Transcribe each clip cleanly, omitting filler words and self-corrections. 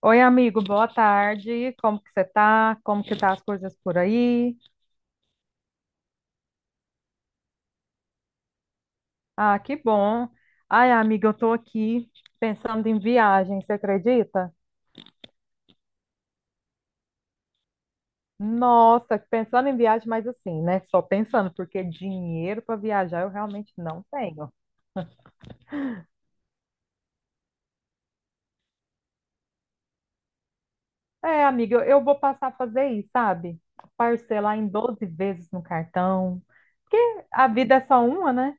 Oi, amigo, boa tarde. Como que você tá? Como que tá as coisas por aí? Ah, que bom. Ai, amiga, eu tô aqui pensando em viagem, você acredita? Nossa, pensando em viagem, mas assim, né? Só pensando, porque dinheiro para viajar eu realmente não tenho. É, amiga, eu vou passar a fazer isso, sabe? Parcelar em 12 vezes no cartão. Porque a vida é só uma, né?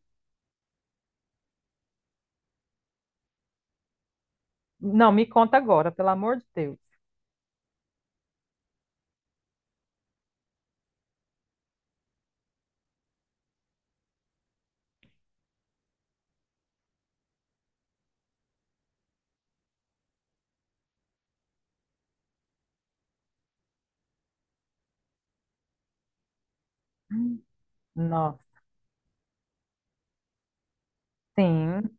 Não, me conta agora, pelo amor de Deus. Nossa, sim.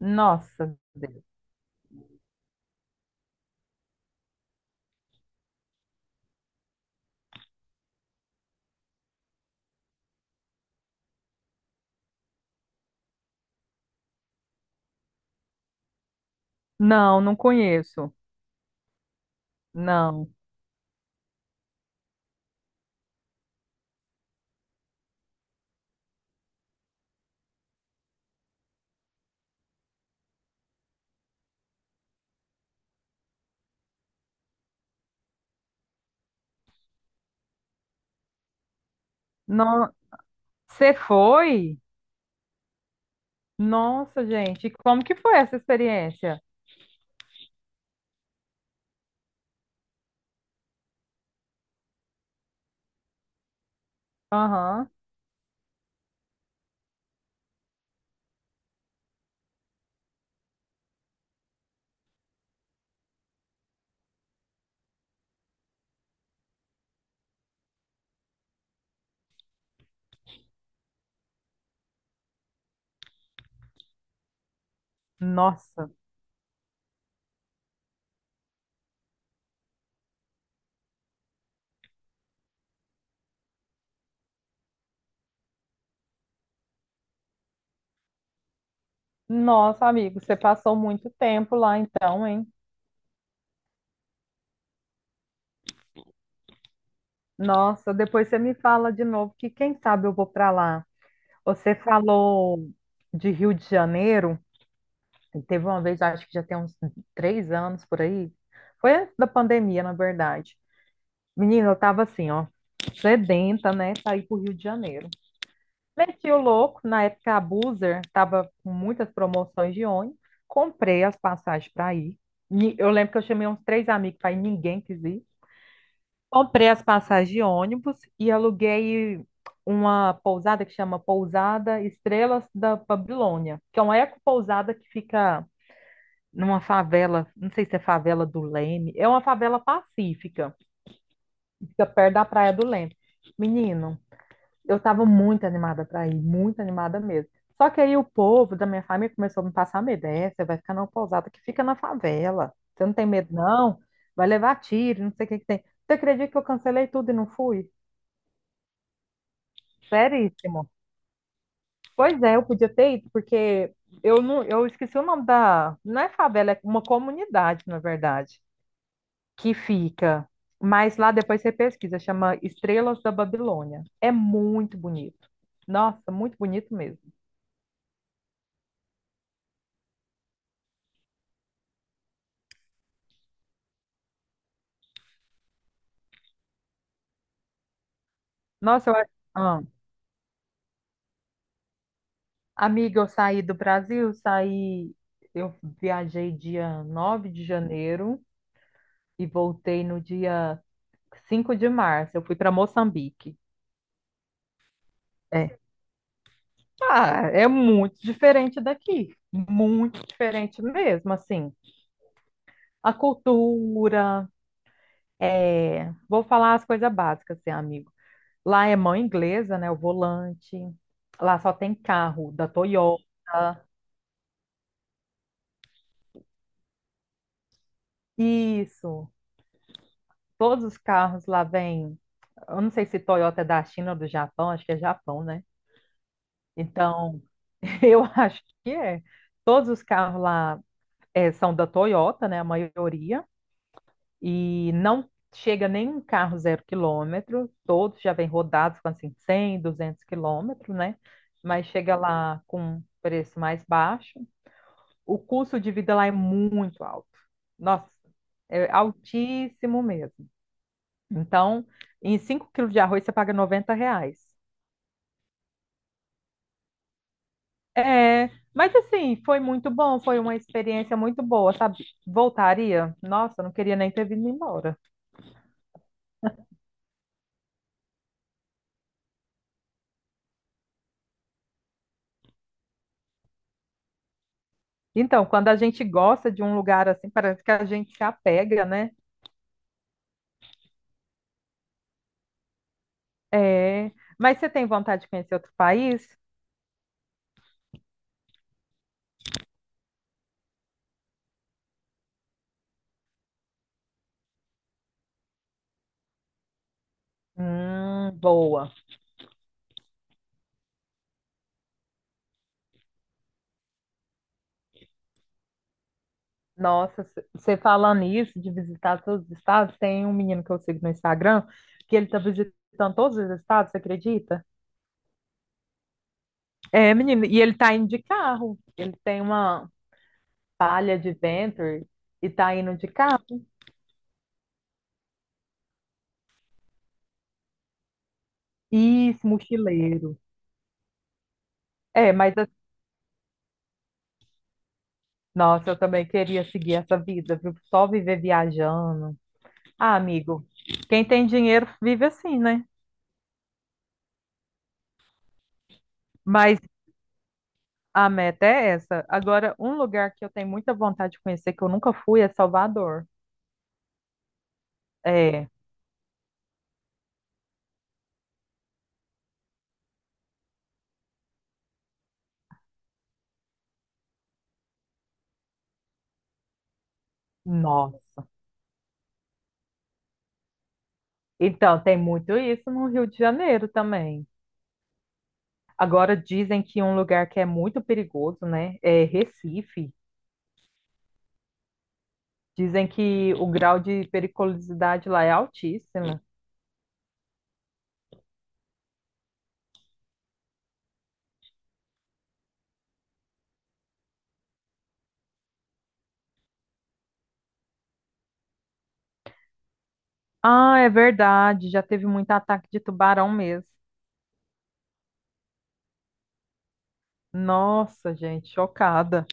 Nossa. Não, não conheço. Não. Não, você foi? Nossa, gente, como que foi essa experiência? Aham. Nossa. Nossa, amigo, você passou muito tempo lá então, hein? Nossa, depois você me fala de novo que quem sabe eu vou para lá. Você falou de Rio de Janeiro, e teve uma vez, acho que já tem uns 3 anos por aí. Foi antes da pandemia, na verdade. Menina, eu tava assim, ó, sedenta, né, sair pro Rio de Janeiro. Meti o louco, na época a Buser estava com muitas promoções de ônibus, comprei as passagens para ir. Eu lembro que eu chamei uns três amigos para ir, ninguém quis ir. Comprei as passagens de ônibus e aluguei uma pousada que chama Pousada Estrelas da Babilônia, que é uma ecopousada que fica numa favela, não sei se é favela do Leme, é uma favela pacífica, que fica perto da Praia do Leme. Menino, eu estava muito animada para ir, muito animada mesmo. Só que aí o povo da minha família começou a me passar medo. É, você vai ficar numa pousada que fica na favela. Você não tem medo, não? Vai levar tiro, não sei o que que tem. Você acredita que eu cancelei tudo e não fui? Seríssimo. Pois é, eu podia ter ido, porque eu não, eu esqueci o nome da. Não é favela, é uma comunidade, na verdade, que fica. Mas lá depois você pesquisa, chama Estrelas da Babilônia. É muito bonito. Nossa, muito bonito mesmo. Nossa, eu acho. Amiga, eu saí do Brasil, saí, eu viajei dia 9 de janeiro e voltei no dia 5 de março. Eu fui para Moçambique. É. Ah, é muito diferente daqui, muito diferente mesmo, assim. A cultura, é, vou falar as coisas básicas, assim, amigo. Lá é mão inglesa, né, o volante. Lá só tem carro da Toyota. Isso. Todos os carros lá vêm. Eu não sei se Toyota é da China ou do Japão, acho que é Japão, né? Então, eu acho que é. Todos os carros lá são da Toyota, né? A maioria. E não chega nenhum carro zero quilômetro. Todos já vêm rodados com assim 100, 200 quilômetros, né? Mas chega lá com preço mais baixo. O custo de vida lá é muito alto. Nossa, é altíssimo mesmo. Então, em 5 quilos de arroz você paga R$ 90. É, mas assim, foi muito bom, foi uma experiência muito boa, sabe? Voltaria? Nossa, não queria nem ter vindo embora. Então, quando a gente gosta de um lugar assim, parece que a gente se apega, né? É, mas você tem vontade de conhecer outro país? Boa. Nossa, você falando isso, de visitar todos os estados, tem um menino que eu sigo no Instagram, que ele tá visitando todos os estados, você acredita? É, menino, e ele tá indo de carro. Ele tem uma palha de Venture e tá indo de carro. Isso, mochileiro. É, mas nossa, eu também queria seguir essa vida, viu? Só viver viajando. Ah, amigo, quem tem dinheiro vive assim, né? Mas a meta é essa. Agora, um lugar que eu tenho muita vontade de conhecer, que eu nunca fui, é Salvador. É, nossa. Então, tem muito isso no Rio de Janeiro também. Agora dizem que um lugar que é muito perigoso, né, é Recife. Dizem que o grau de periculosidade lá é altíssimo. Ah, é verdade, já teve muito ataque de tubarão mesmo. Nossa, gente, chocada.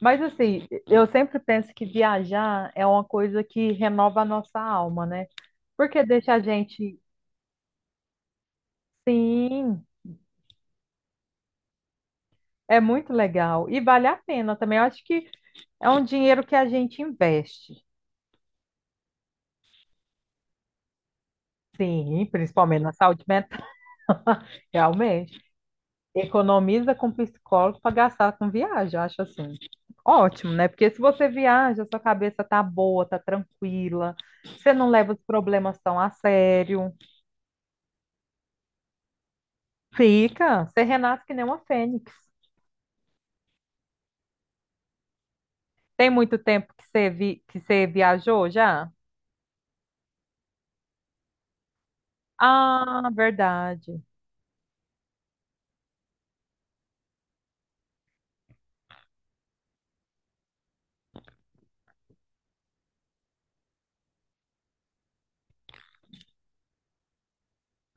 Mas assim, eu sempre penso que viajar é uma coisa que renova a nossa alma, né? Porque deixa a gente, sim, é muito legal e vale a pena também. Eu acho que é um dinheiro que a gente investe. Sim, principalmente na saúde mental. Realmente. Economiza com psicólogo para gastar com viagem, eu acho assim. Ótimo, né? Porque se você viaja, sua cabeça tá boa, tá tranquila, você não leva os problemas tão a sério. Fica, você renasce que nem uma fênix. Tem muito tempo que você que você viajou já? Ah, verdade.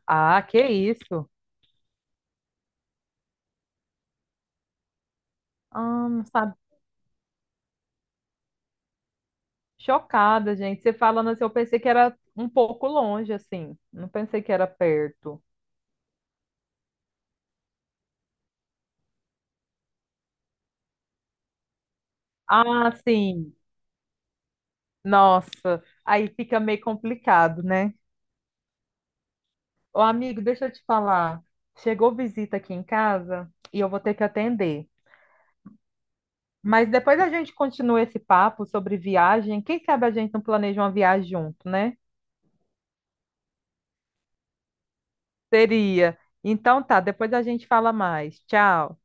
Ah, que isso? Ah, não sabe? Chocada, gente. Você falando assim, eu pensei que era um pouco longe, assim. Não pensei que era perto. Ah, sim. Nossa, aí fica meio complicado, né? Ô, amigo, deixa eu te falar. Chegou visita aqui em casa e eu vou ter que atender. Mas depois a gente continua esse papo sobre viagem. Quem sabe a gente não planeja uma viagem junto, né? Seria. Então tá, depois a gente fala mais. Tchau.